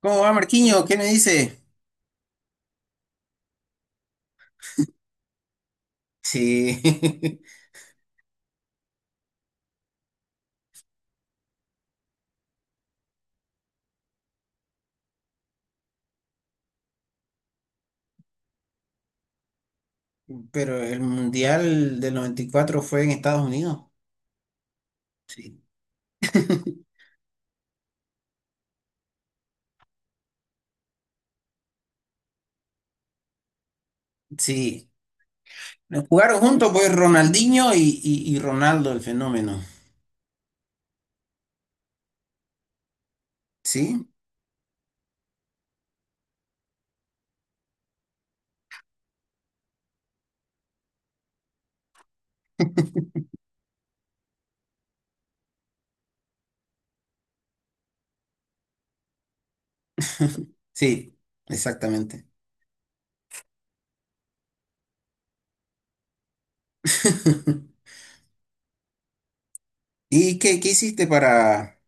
¿Cómo va Marquiño? ¿Qué me dice? Sí, pero el Mundial del 94 fue en Estados Unidos. Sí. Sí. Jugaron juntos pues Ronaldinho y Ronaldo, el fenómeno. ¿Sí? Sí, exactamente. ¿Y qué hiciste para,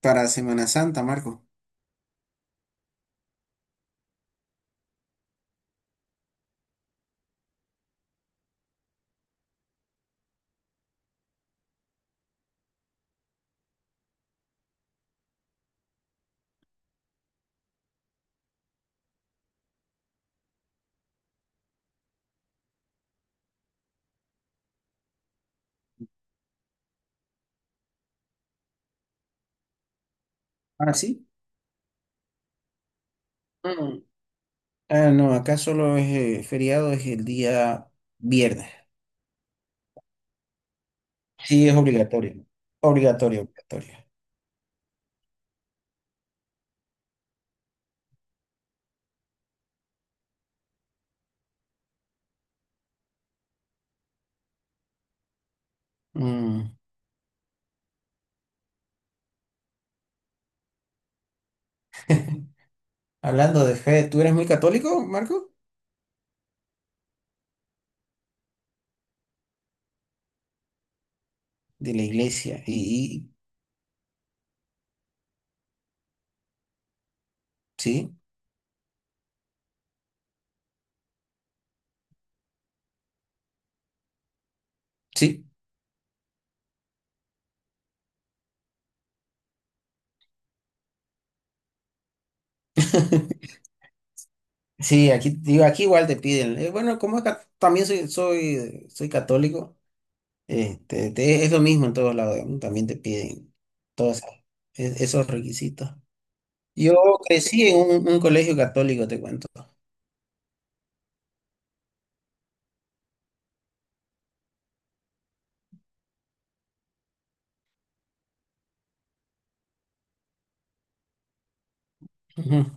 para Semana Santa, Marco? Ah, sí. Mm. Ah, no, acá solo es feriado, es el día viernes. Sí, es obligatorio. Obligatorio, obligatorio. Mm. Hablando de fe, ¿tú eres muy católico, Marco? De la iglesia. Y- sí, sí. Sí, aquí, digo, aquí igual te piden. Bueno, también soy católico, es lo mismo en todos lados, digamos, también te piden todos esos esos requisitos. Yo crecí en un colegio católico, te cuento. Ujú,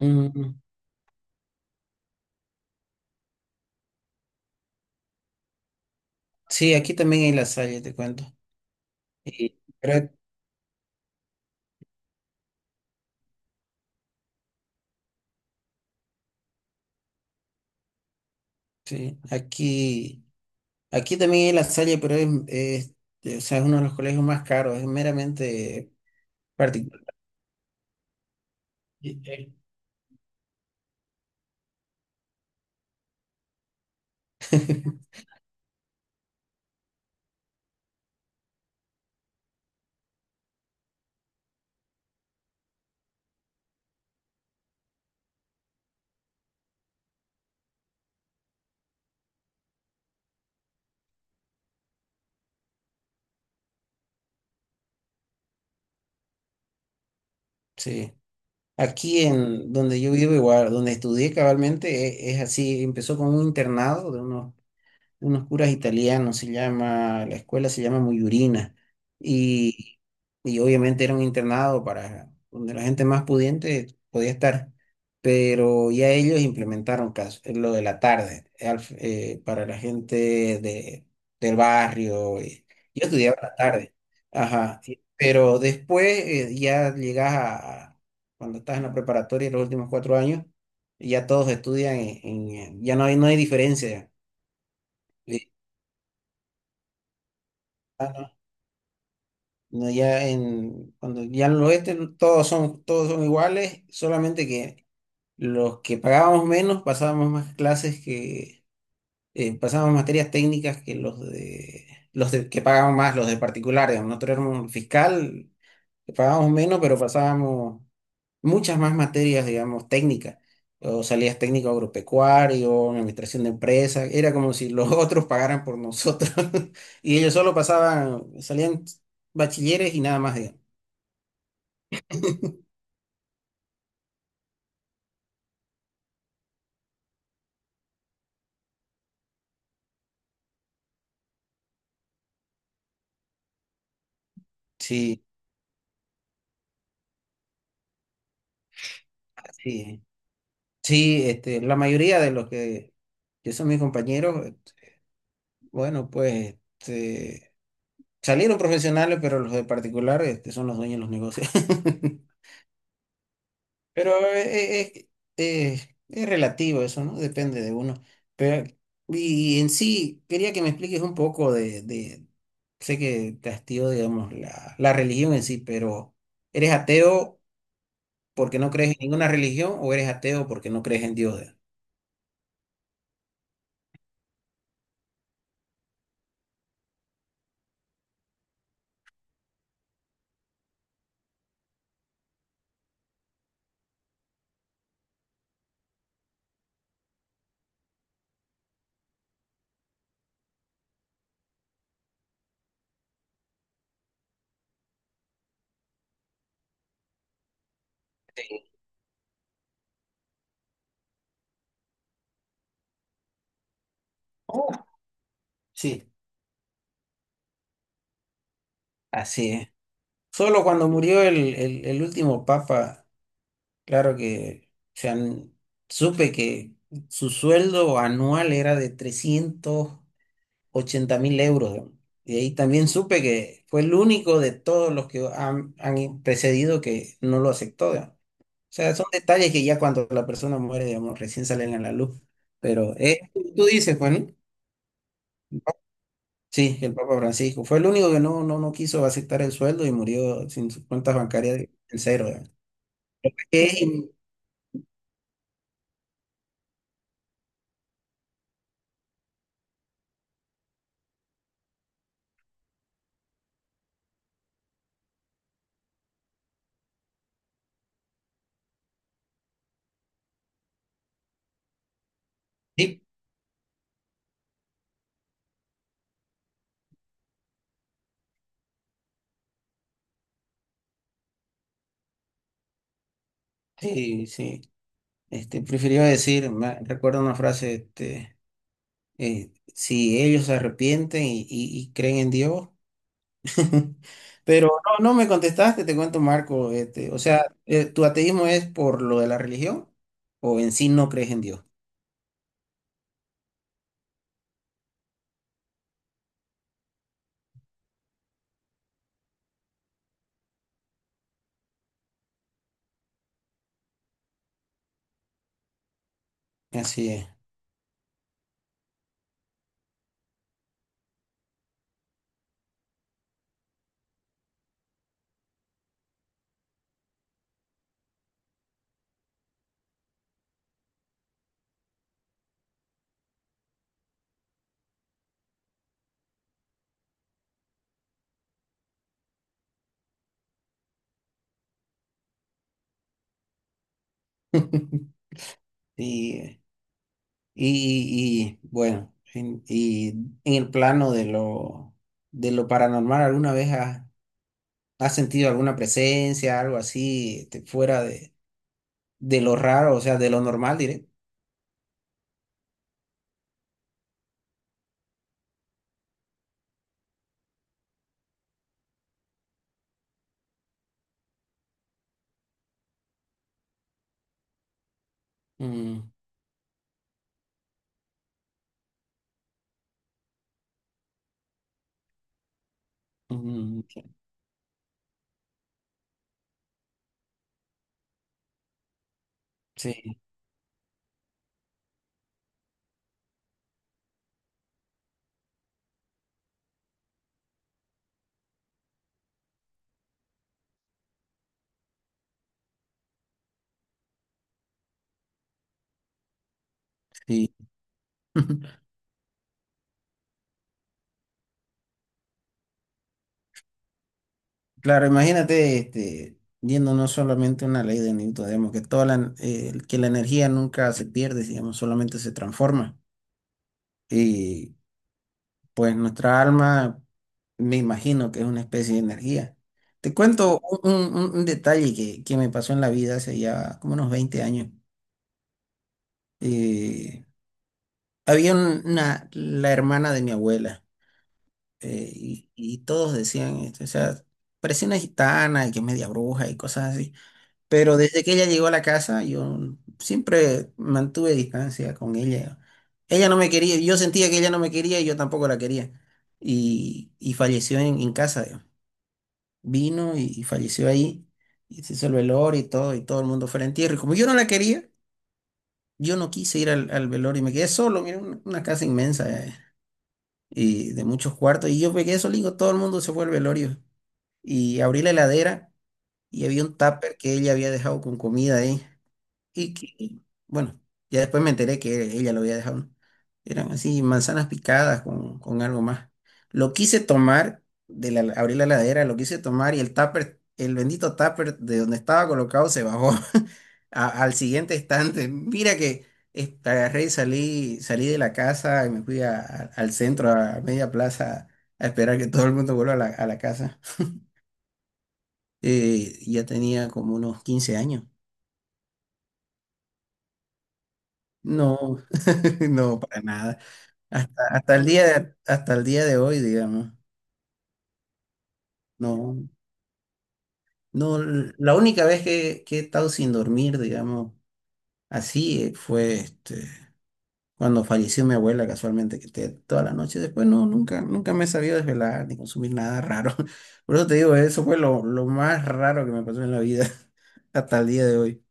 ujú. Sí, aquí también hay La Salle, te cuento. Y creo, sí, aquí. Aquí también hay La Salle, pero o sea, es uno de los colegios más caros, es meramente particular. Y- eh. Sí. Aquí en donde yo vivo igual, donde estudié cabalmente, e- es, así, empezó con un internado de unos curas italianos, se llama, la escuela se llama Muyurina, y, y obviamente era un internado para donde la gente más pudiente podía estar, pero ya ellos implementaron lo de la tarde para la gente de, del barrio. Yo estudiaba la tarde, ajá, pero después ya llegas cuando estás en la preparatoria, los últimos 4 años, ya todos estudian ya no hay diferencia. No, cuando ya en el oeste todos son iguales, solamente que los que pagábamos menos pasábamos más clases que, pasábamos materias técnicas que pagaban más, los de particulares. Nosotros éramos fiscal, que pagábamos menos, pero pasábamos muchas más materias, digamos, técnicas. O salidas técnico agropecuario, administración de empresas. Era como si los otros pagaran por nosotros. Y ellos solo pasaban, salían bachilleres y nada más, digamos. Sí, así es. Sí, la mayoría de los que son mis compañeros, bueno, pues salieron profesionales, pero los de particular son los dueños de los negocios. Pero es relativo eso, ¿no? Depende de uno. Pero, y en sí, quería que me expliques un poco sé que te hastió, digamos, la religión en sí, pero ¿eres ateo porque no crees en ninguna religión o eres ateo porque no crees en Dios? Oh, sí. Así es. Solo cuando murió el último papa, claro que, o sea, supe que su sueldo anual era de 380.000 euros, ¿no? Y ahí también supe que fue el único de todos los que han precedido que no lo aceptó, digamos. O sea, son detalles que ya cuando la persona muere, digamos, recién salen a la luz. Pero tú dices, ¿Juan? Sí, el Papa Francisco. Fue el único que no quiso aceptar el sueldo y murió sin sus cuentas bancarias en cero, ¿eh? Eh, sí, sí, sí. Prefirió decir, me recuerdo una frase, si ellos se arrepienten y creen en Dios. Pero no, no me contestaste, te cuento, Marco. O sea, ¿tu ateísmo es por lo de la religión o en sí no crees en Dios? Así es. Sí, y, bueno, y en el plano de lo paranormal, ¿alguna vez has sentido alguna presencia, algo así, fuera de lo raro, o sea, de lo normal, diré? Mm, mm, sí, sí. Claro, imagínate, viendo no solamente una ley de Newton, digamos, que que la energía nunca se pierde, digamos, solamente se transforma. Y pues nuestra alma, me imagino que es una especie de energía. Te cuento un detalle que me pasó en la vida hace ya como unos 20 años. Eh, había la hermana de mi abuela, y todos decían esto, o sea, parecía una gitana y que es media bruja y cosas así. Pero desde que ella llegó a la casa, yo siempre mantuve distancia con ella. Ella no me quería, yo sentía que ella no me quería y yo tampoco la quería. Y falleció en casa. Vino y falleció ahí, y se hizo el velorio y todo el mundo fue al entierro. Y como yo no la quería, yo no quise ir al velorio y me quedé solo, mira, una casa inmensa, y de muchos cuartos, y yo me quedé solito, todo el mundo se fue al velorio. Y abrí la heladera y había un tupper que ella había dejado con comida ahí. Y bueno, ya después me enteré que ella lo había dejado, ¿no? Eran así manzanas picadas con algo más. Lo quise tomar, abrí la heladera, lo quise tomar y el tupper, el bendito tupper de donde estaba colocado se bajó al siguiente estante. Mira que agarré y salí de la casa y me fui al centro, a media plaza, a esperar que todo el mundo vuelva a la casa. Ya tenía como unos 15 años. No, no, para nada. Hasta el día de hoy, digamos. No, no, la única vez que he estado sin dormir, digamos, así fue cuando falleció mi abuela casualmente, que toda la noche después no, nunca, nunca me he sabido desvelar ni consumir nada raro. Por eso te digo, eso fue lo más raro que me pasó en la vida hasta el día de hoy.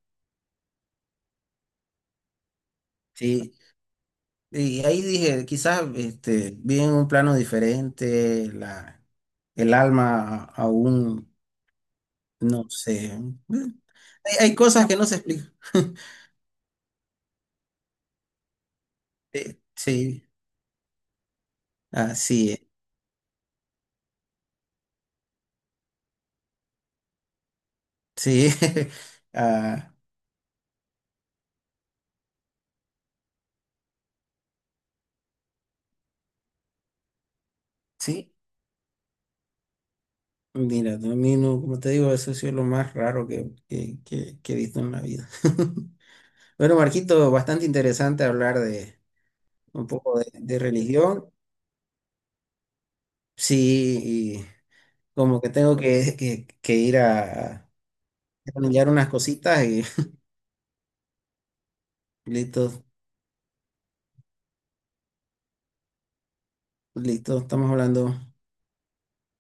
Sí. Y ahí dije, quizás vi en un plano diferente, el alma aún. No sé. Bueno. Hay cosas que no se explican. Sí, así es. Sí. Ah, sí. Mira, a mí no, como te digo, eso ha sido lo más raro que he visto en la vida. Bueno, Marquito, bastante interesante hablar de un poco de religión. Sí, y como que tengo que ir a planear unas cositas y listo, listo, estamos hablando.